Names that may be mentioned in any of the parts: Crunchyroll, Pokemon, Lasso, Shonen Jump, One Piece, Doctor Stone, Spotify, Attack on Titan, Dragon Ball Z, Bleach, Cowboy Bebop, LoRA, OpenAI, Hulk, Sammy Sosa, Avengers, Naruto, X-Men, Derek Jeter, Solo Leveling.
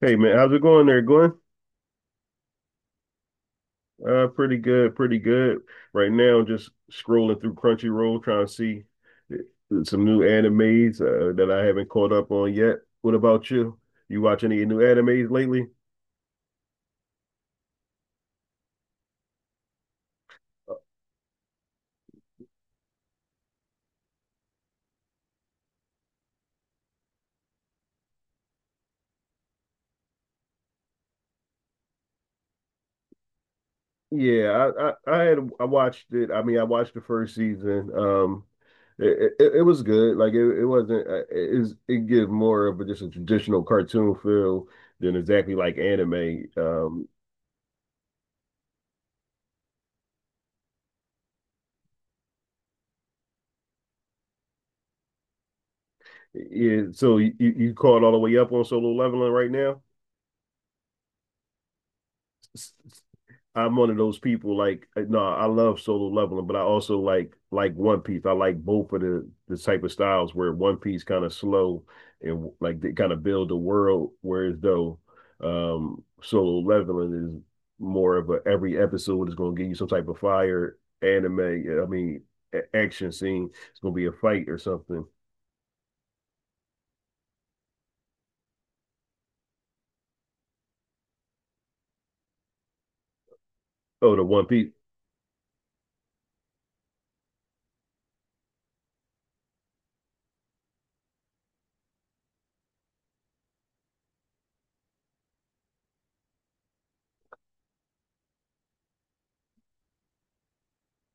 Hey man, how's it going there, Glenn? Pretty good, pretty good. Right now, just scrolling through Crunchyroll, trying to see some new animes that I haven't caught up on yet. What about you? You watch any new animes lately? Yeah, I watched it. I mean, I watched the first season. It was good. Like it wasn't. It gives more of a traditional cartoon feel than exactly like anime. Yeah. So you caught all the way up on Solo Leveling right now? I'm one of those people like no, I love solo leveling, but I also like One Piece. I like both of the type of styles where One Piece kind of slow, and like they kind of build a world, whereas though solo leveling is more of a every episode is going to give you some type of fire anime. I mean, action scene. It's going to be a fight or something. Oh, the One Piece.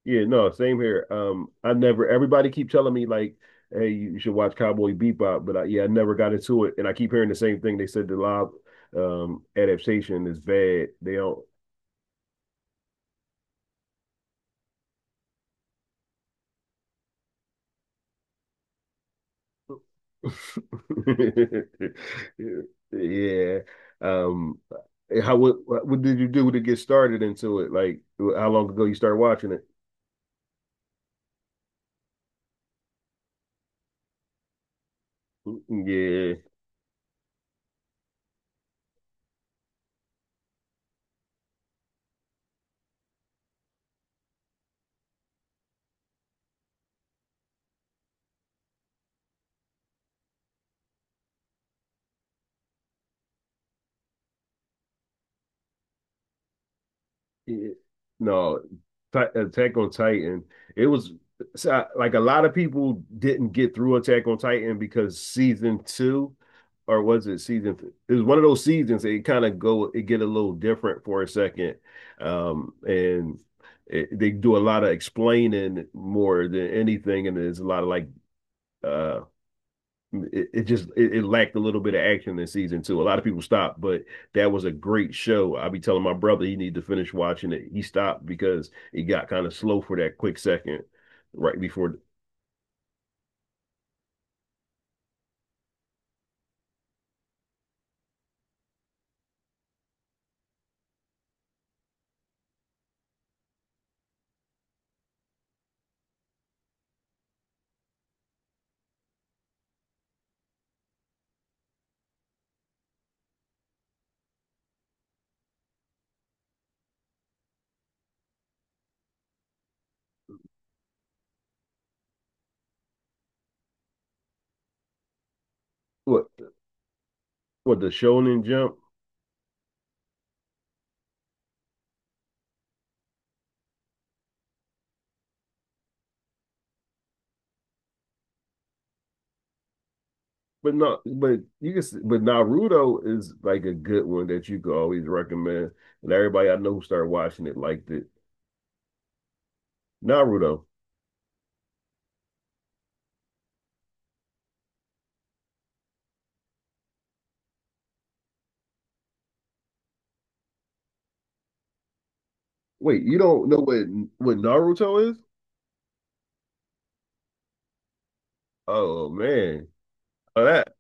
Yeah, no, same here. I never. Everybody keep telling me like, "Hey, you should watch Cowboy Bebop," but I, yeah, I never got into it, and I keep hearing the same thing. They said the live adaptation is bad. They don't. Yeah. Um, eh, how what did you do to get started into it? Like, how long ago you started watching it? Mm. Yeah. it- no, Attack on Titan. It was so, like a lot of people didn't get through Attack on Titan because season two, or was it season? It was one of those seasons. That it kind of go, it get a little different for a second, and they do a lot of explaining more than anything, and there's a lot of like uh it just it lacked a little bit of action in season two. A lot of people stopped, but that was a great show. I be telling my brother he need to finish watching it. He stopped because it got kind of slow for that quick second right before what what the Shonen Jump. But not, but you can, but Naruto is like a good one that you could always recommend. And everybody I know who started watching it liked it. Naruto. Wait, you don't know what Naruto is? Oh man, oh, that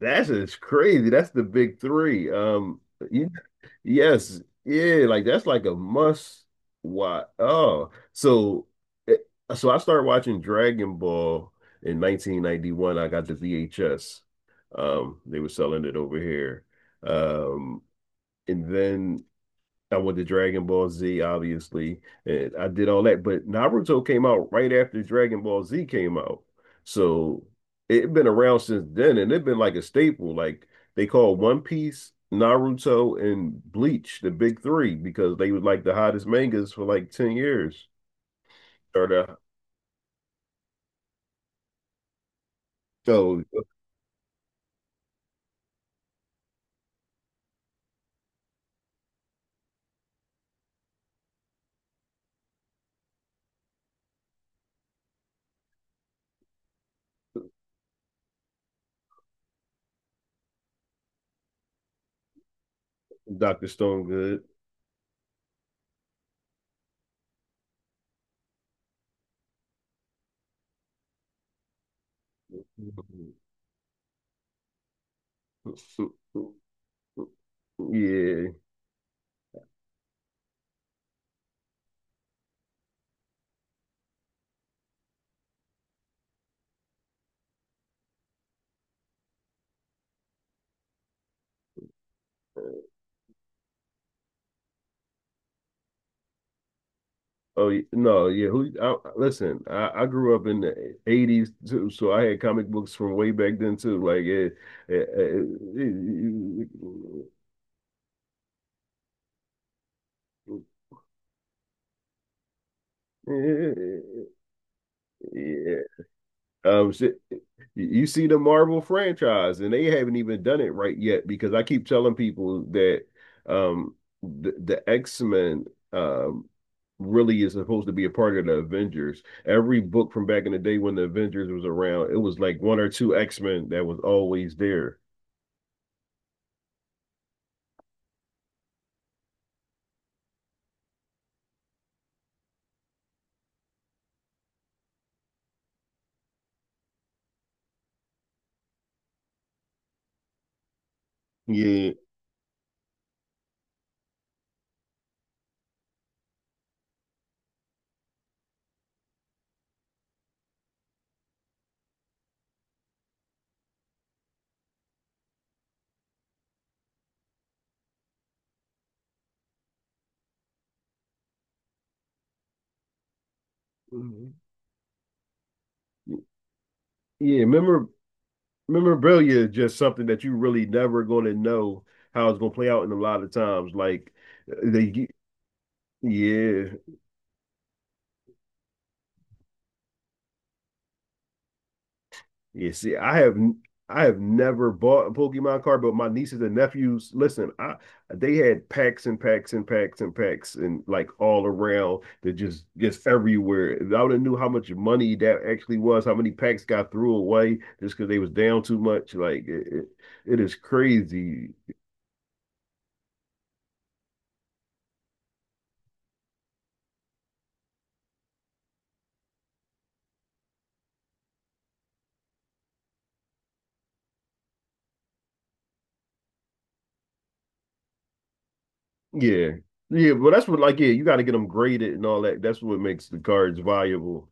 That's it's crazy. That's the big three. You, yes, yeah, like that's like a must watch. Oh, it- so I started watching Dragon Ball in 1991. I got the VHS. They were selling it over here. Um, and then I went to Dragon Ball Z, obviously, and I did all that. But Naruto came out right after Dragon Ball Z came out, so it's been around since then, and it's been like a staple. Like they call One Piece, Naruto, and Bleach the big three because they were like the hottest mangas for like 10 years. Or the so Doctor Stone good. Yeah. No, yeah. Who? Listen, I grew up in the '80s too, so I had comic books from way back then too. Like, it. Shit, you see the Marvel franchise, and they haven't even done it right yet because I keep telling people that um the X-Men um really is supposed to be a part of the Avengers. Every book from back in the day when the Avengers was around, it was like one or two X-Men that was always there. Yeah. Mhm. Yeah, memorabilia is just something that you really never gonna know how it's gonna play out in a lot of times. Like they, yeah. Yeah, see, I have never bought a Pokemon card, but my nieces and nephews, listen, I they had packs and packs and packs and packs, and like all around that just everywhere. If I would have knew how much money that actually was, how many packs got threw away just because they was down too much. Like it is crazy. Yeah. Yeah, but that's what like yeah, you got to get them graded and all that. That's what makes the cards valuable.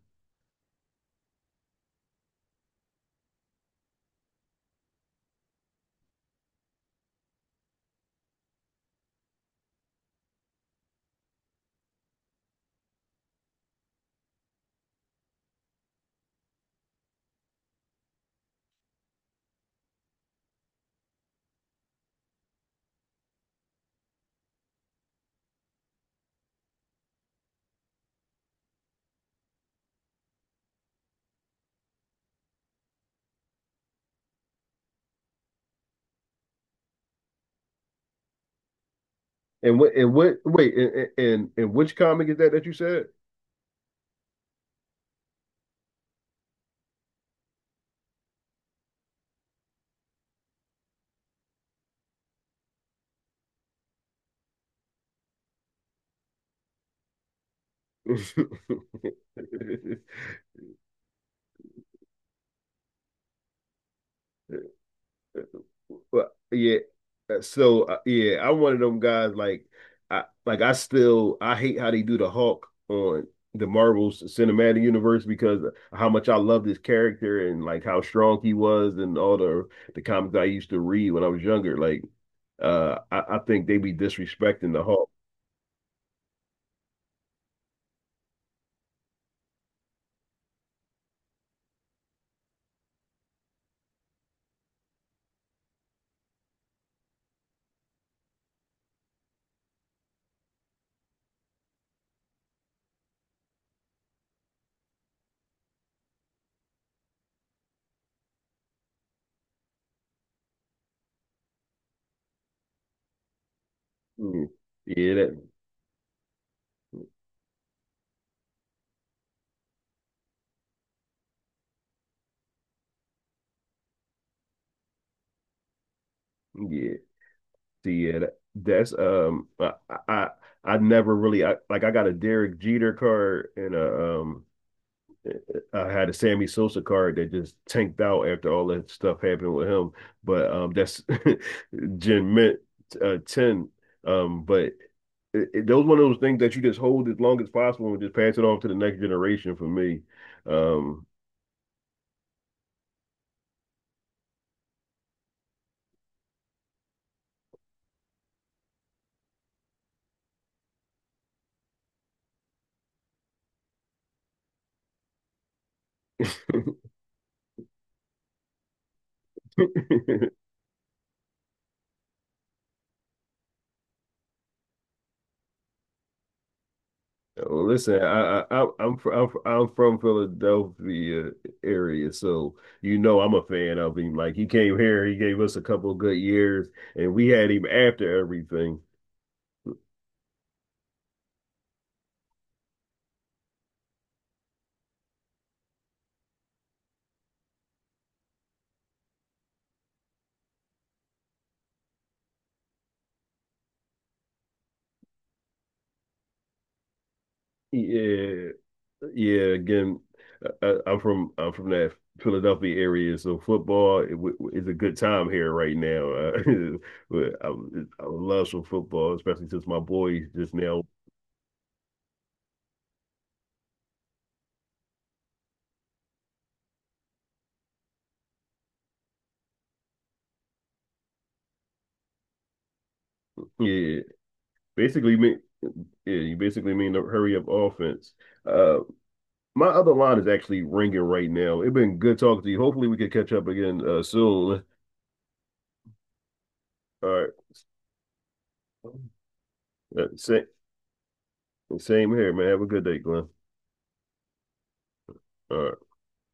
And what wait and which comic is that you said? Well, yeah. So yeah, I'm one of them guys. Like I hate how they do the Hulk on the Marvel's cinematic universe because of how much I love this character and like how strong he was and all the comics I used to read when I was younger. Like I think they be disrespecting the Hulk. Mm. Yeah, that. Yeah. Yeah, that's I I never really, like I got a Derek Jeter card, and a I had a Sammy Sosa card that just tanked out after all that stuff happened with him. But that's Gen Mint ten. But those one of those things that you just hold as long as possible and just pass it on to the next generation. For me, um. Well, listen, I'm from Philadelphia area, so you know I'm a fan of him. Like he came here, he gave us a couple of good years, and we had him after everything. Yeah. Yeah, again, I- am from I'm from that Philadelphia area, so football is a good time here right now, but I love some football, especially since my boy just now. Yeah, basically mean yeah, you basically mean the hurry up offense. Uh, my other line is actually ringing right now. It's been good talking to you. Hopefully, we can catch up again soon. All right. Uh, sa- same here, man. Have a good day, Glenn. All right.